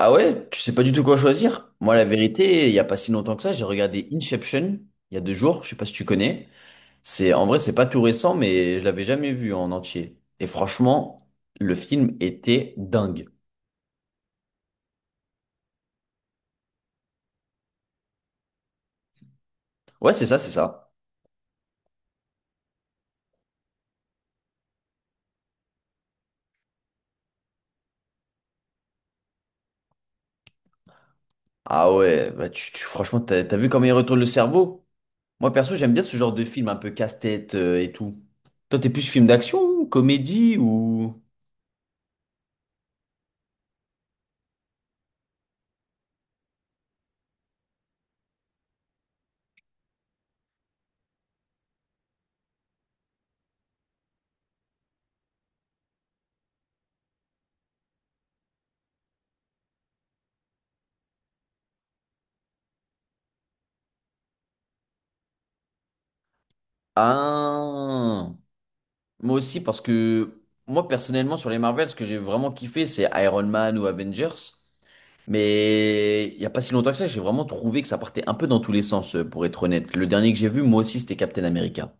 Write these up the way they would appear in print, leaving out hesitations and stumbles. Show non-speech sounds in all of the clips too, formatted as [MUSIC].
Ah ouais, tu sais pas du tout quoi choisir. Moi, la vérité, il y a pas si longtemps que ça, j'ai regardé Inception il y a 2 jours. Je sais pas si tu connais. C'est en vrai, c'est pas tout récent, mais je l'avais jamais vu en entier. Et franchement, le film était dingue. Ouais, c'est ça, c'est ça. Ah ouais, bah franchement, t'as vu comment il retourne le cerveau? Moi, perso, j'aime bien ce genre de film un peu casse-tête et tout. Toi, t'es plus film d'action, comédie ou... Ah. Moi aussi, parce que moi personnellement, sur les Marvel, ce que j'ai vraiment kiffé, c'est Iron Man ou Avengers. Mais il n'y a pas si longtemps que ça, j'ai vraiment trouvé que ça partait un peu dans tous les sens, pour être honnête. Le dernier que j'ai vu, moi aussi, c'était Captain America.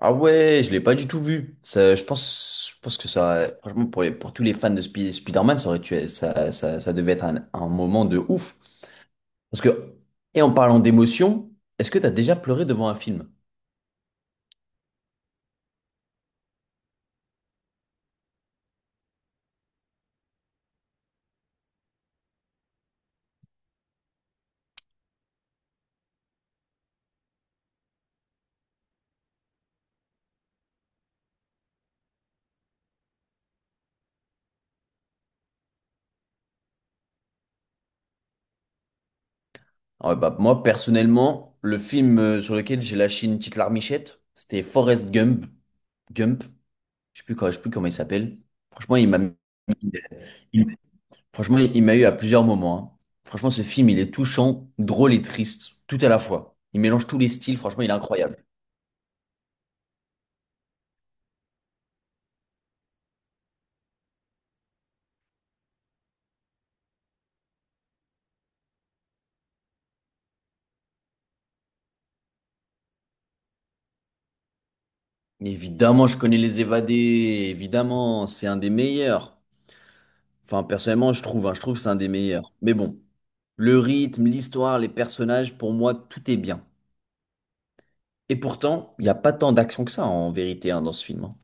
Ah ouais, je l'ai pas du tout vu. Ça, je pense que ça, franchement, pour tous les fans de Spider-Man, ça aurait tué, ça devait être un moment de ouf. Parce que, et en parlant d'émotion, est-ce que tu as déjà pleuré devant un film? Ah ouais, bah, moi, personnellement, le film sur lequel j'ai lâché une petite larmichette, c'était Forrest Gump. Gump, je sais plus, je sais plus comment il s'appelle. Franchement, il m'a mis- il- franchement, il m'a eu à plusieurs moments, hein. Franchement, ce film, il est touchant, drôle et triste, tout à la fois. Il mélange tous les styles, franchement, il est incroyable. Mais évidemment, je connais Les Évadés, évidemment, c'est un des meilleurs. Enfin, personnellement, je trouve, hein, je trouve que c'est un des meilleurs. Mais bon, le rythme, l'histoire, les personnages, pour moi, tout est bien. Et pourtant, il n'y a pas tant d'action que ça, en vérité, hein, dans ce film, hein.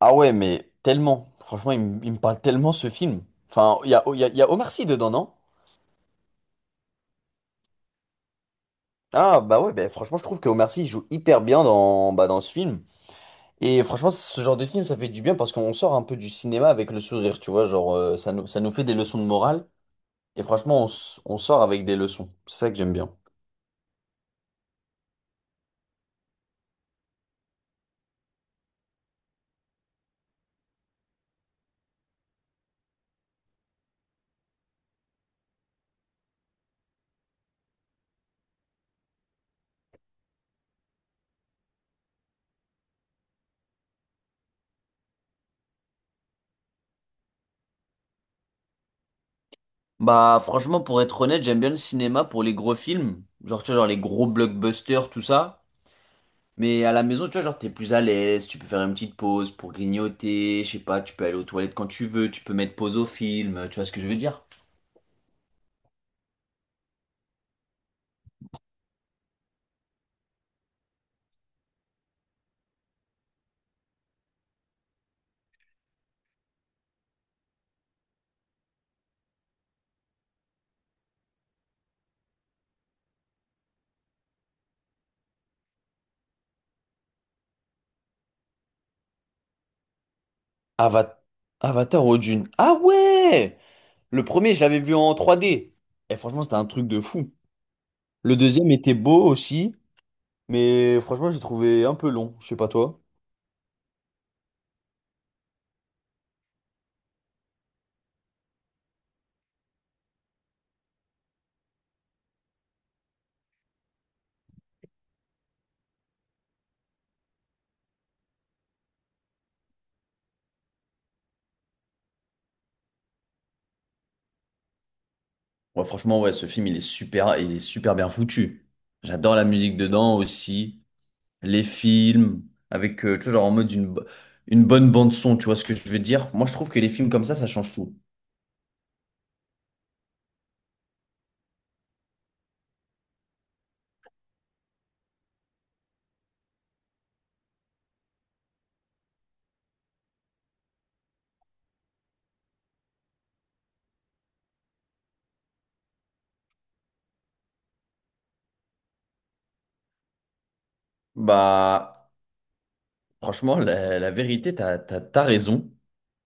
Ah ouais, mais tellement. Franchement, il me parle tellement ce film. Enfin, il y a Omar Sy dedans, non? Ah bah ouais, bah franchement, je trouve que Omar Sy joue hyper bien dans ce film. Et franchement, ce genre de film, ça fait du bien parce qu'on sort un peu du cinéma avec le sourire, tu vois. Genre, ça nous fait des leçons de morale. Et franchement, on sort avec des leçons. C'est ça que j'aime bien. Bah franchement, pour être honnête, j'aime bien le cinéma pour les gros films, genre tu vois, genre les gros blockbusters, tout ça. Mais à la maison, tu vois, genre t'es plus à l'aise, tu peux faire une petite pause pour grignoter, je sais pas, tu peux aller aux toilettes quand tu veux, tu peux mettre pause au film, tu vois ce que je veux dire? Ava- Avatar au Dune. Ah ouais! Le premier, je l'avais vu en 3D. Et franchement, c'était un truc de fou. Le deuxième était beau aussi, mais franchement, j'ai trouvé un peu long. Je sais pas toi. Ouais, franchement, ouais, ce film, il est super bien foutu. J'adore la musique dedans aussi, les films, avec, tu vois, genre en mode une bonne bande son, tu vois ce que je veux dire? Moi, je trouve que les films comme ça change tout. Bah, franchement, la vérité, t'as raison.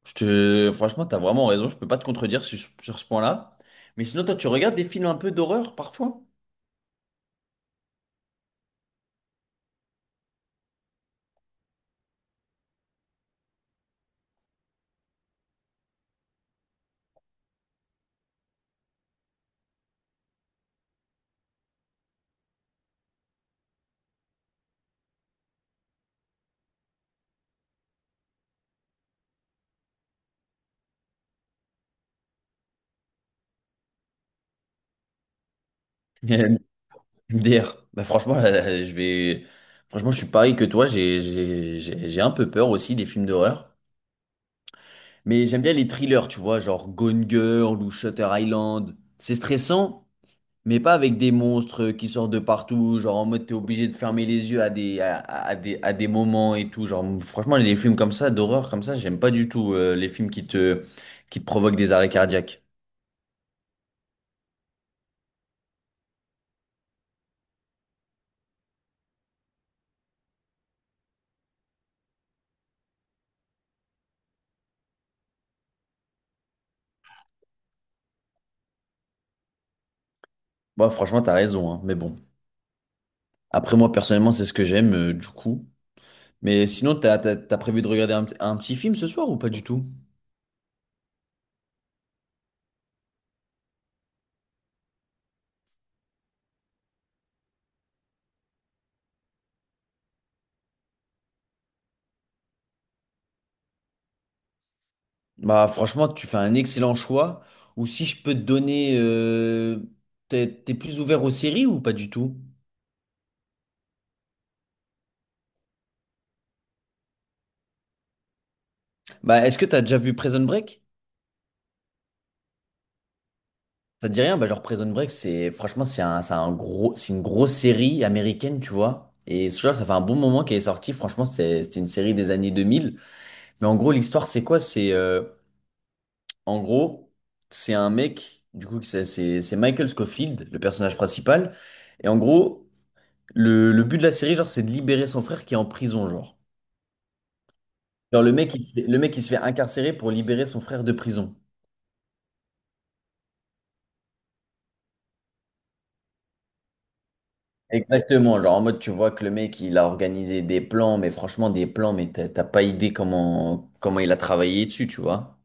Franchement, t'as vraiment raison, je peux pas te contredire sur ce point-là. Mais sinon, toi, tu regardes des films un peu d'horreur parfois? [LAUGHS] MDR. Bah, franchement, [LAUGHS] là, franchement, je suis pareil que toi, j'ai un peu peur aussi des films d'horreur. Mais j'aime bien les thrillers, tu vois, genre Gone Girl ou Shutter Island. C'est stressant, mais pas avec des monstres qui sortent de partout, genre en mode t'es obligé de fermer les yeux à des moments et tout. Genre, franchement, les films comme ça, d'horreur comme ça, j'aime pas du tout les films qui te provoquent des arrêts cardiaques. Bon, franchement, t'as raison, hein, mais bon. Après, moi, personnellement, c'est ce que j'aime, du coup. Mais sinon, t'as prévu de regarder un petit film ce soir ou pas du tout? Bah franchement, tu fais un excellent choix. Ou si je peux te donner, t'es plus ouvert aux séries ou pas du tout? Bah est-ce que t'as déjà vu Prison Break? Ça te dit rien? Bah genre Prison Break, c'est franchement c'est un gros, c'est une grosse série américaine, tu vois. Et ce genre, ça fait un bon moment qu'elle est sortie. Franchement, c'était une série des années 2000. Mais en gros, l'histoire, c'est quoi? C'est en gros, c'est un mec, du coup, que c'est Michael Scofield, le personnage principal. Et en gros, le but de la série, genre, c'est de libérer son frère qui est en prison, genre. Genre, le mec, il se fait, le mec, il se fait incarcérer pour libérer son frère de prison. Exactement, genre, en mode, tu vois que le mec, il a organisé des plans, mais franchement, des plans, mais t'as pas idée comment il a travaillé dessus, tu vois.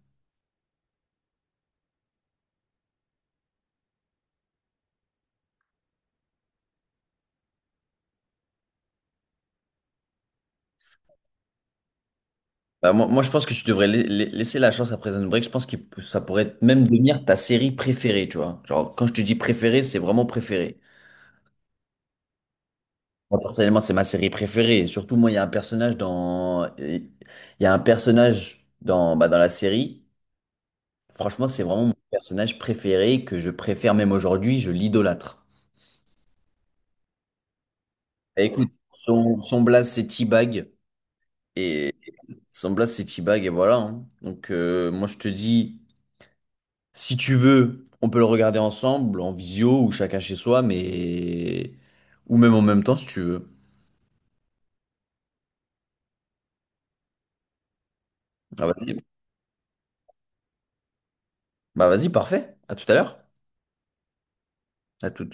Bah, moi, je pense que tu devrais laisser la chance à Prison Break. Je pense que ça pourrait même devenir ta série préférée, tu vois. Genre, quand je te dis préférée, c'est vraiment préférée. Moi, personnellement, c'est ma série préférée. Et surtout, moi, il y a un personnage dans la série. Franchement, c'est vraiment mon personnage préféré que je préfère même aujourd'hui, je l'idolâtre. Bah, écoute, son blaze c'est T-Bag et son blaze c'est T-Bag et voilà, hein. Donc moi je te dis, si tu veux, on peut le regarder ensemble en visio ou chacun chez soi, mais ou même en même temps si tu veux. Ah, vas-y. Bah vas-y, parfait. À tout à l'heure. À tout.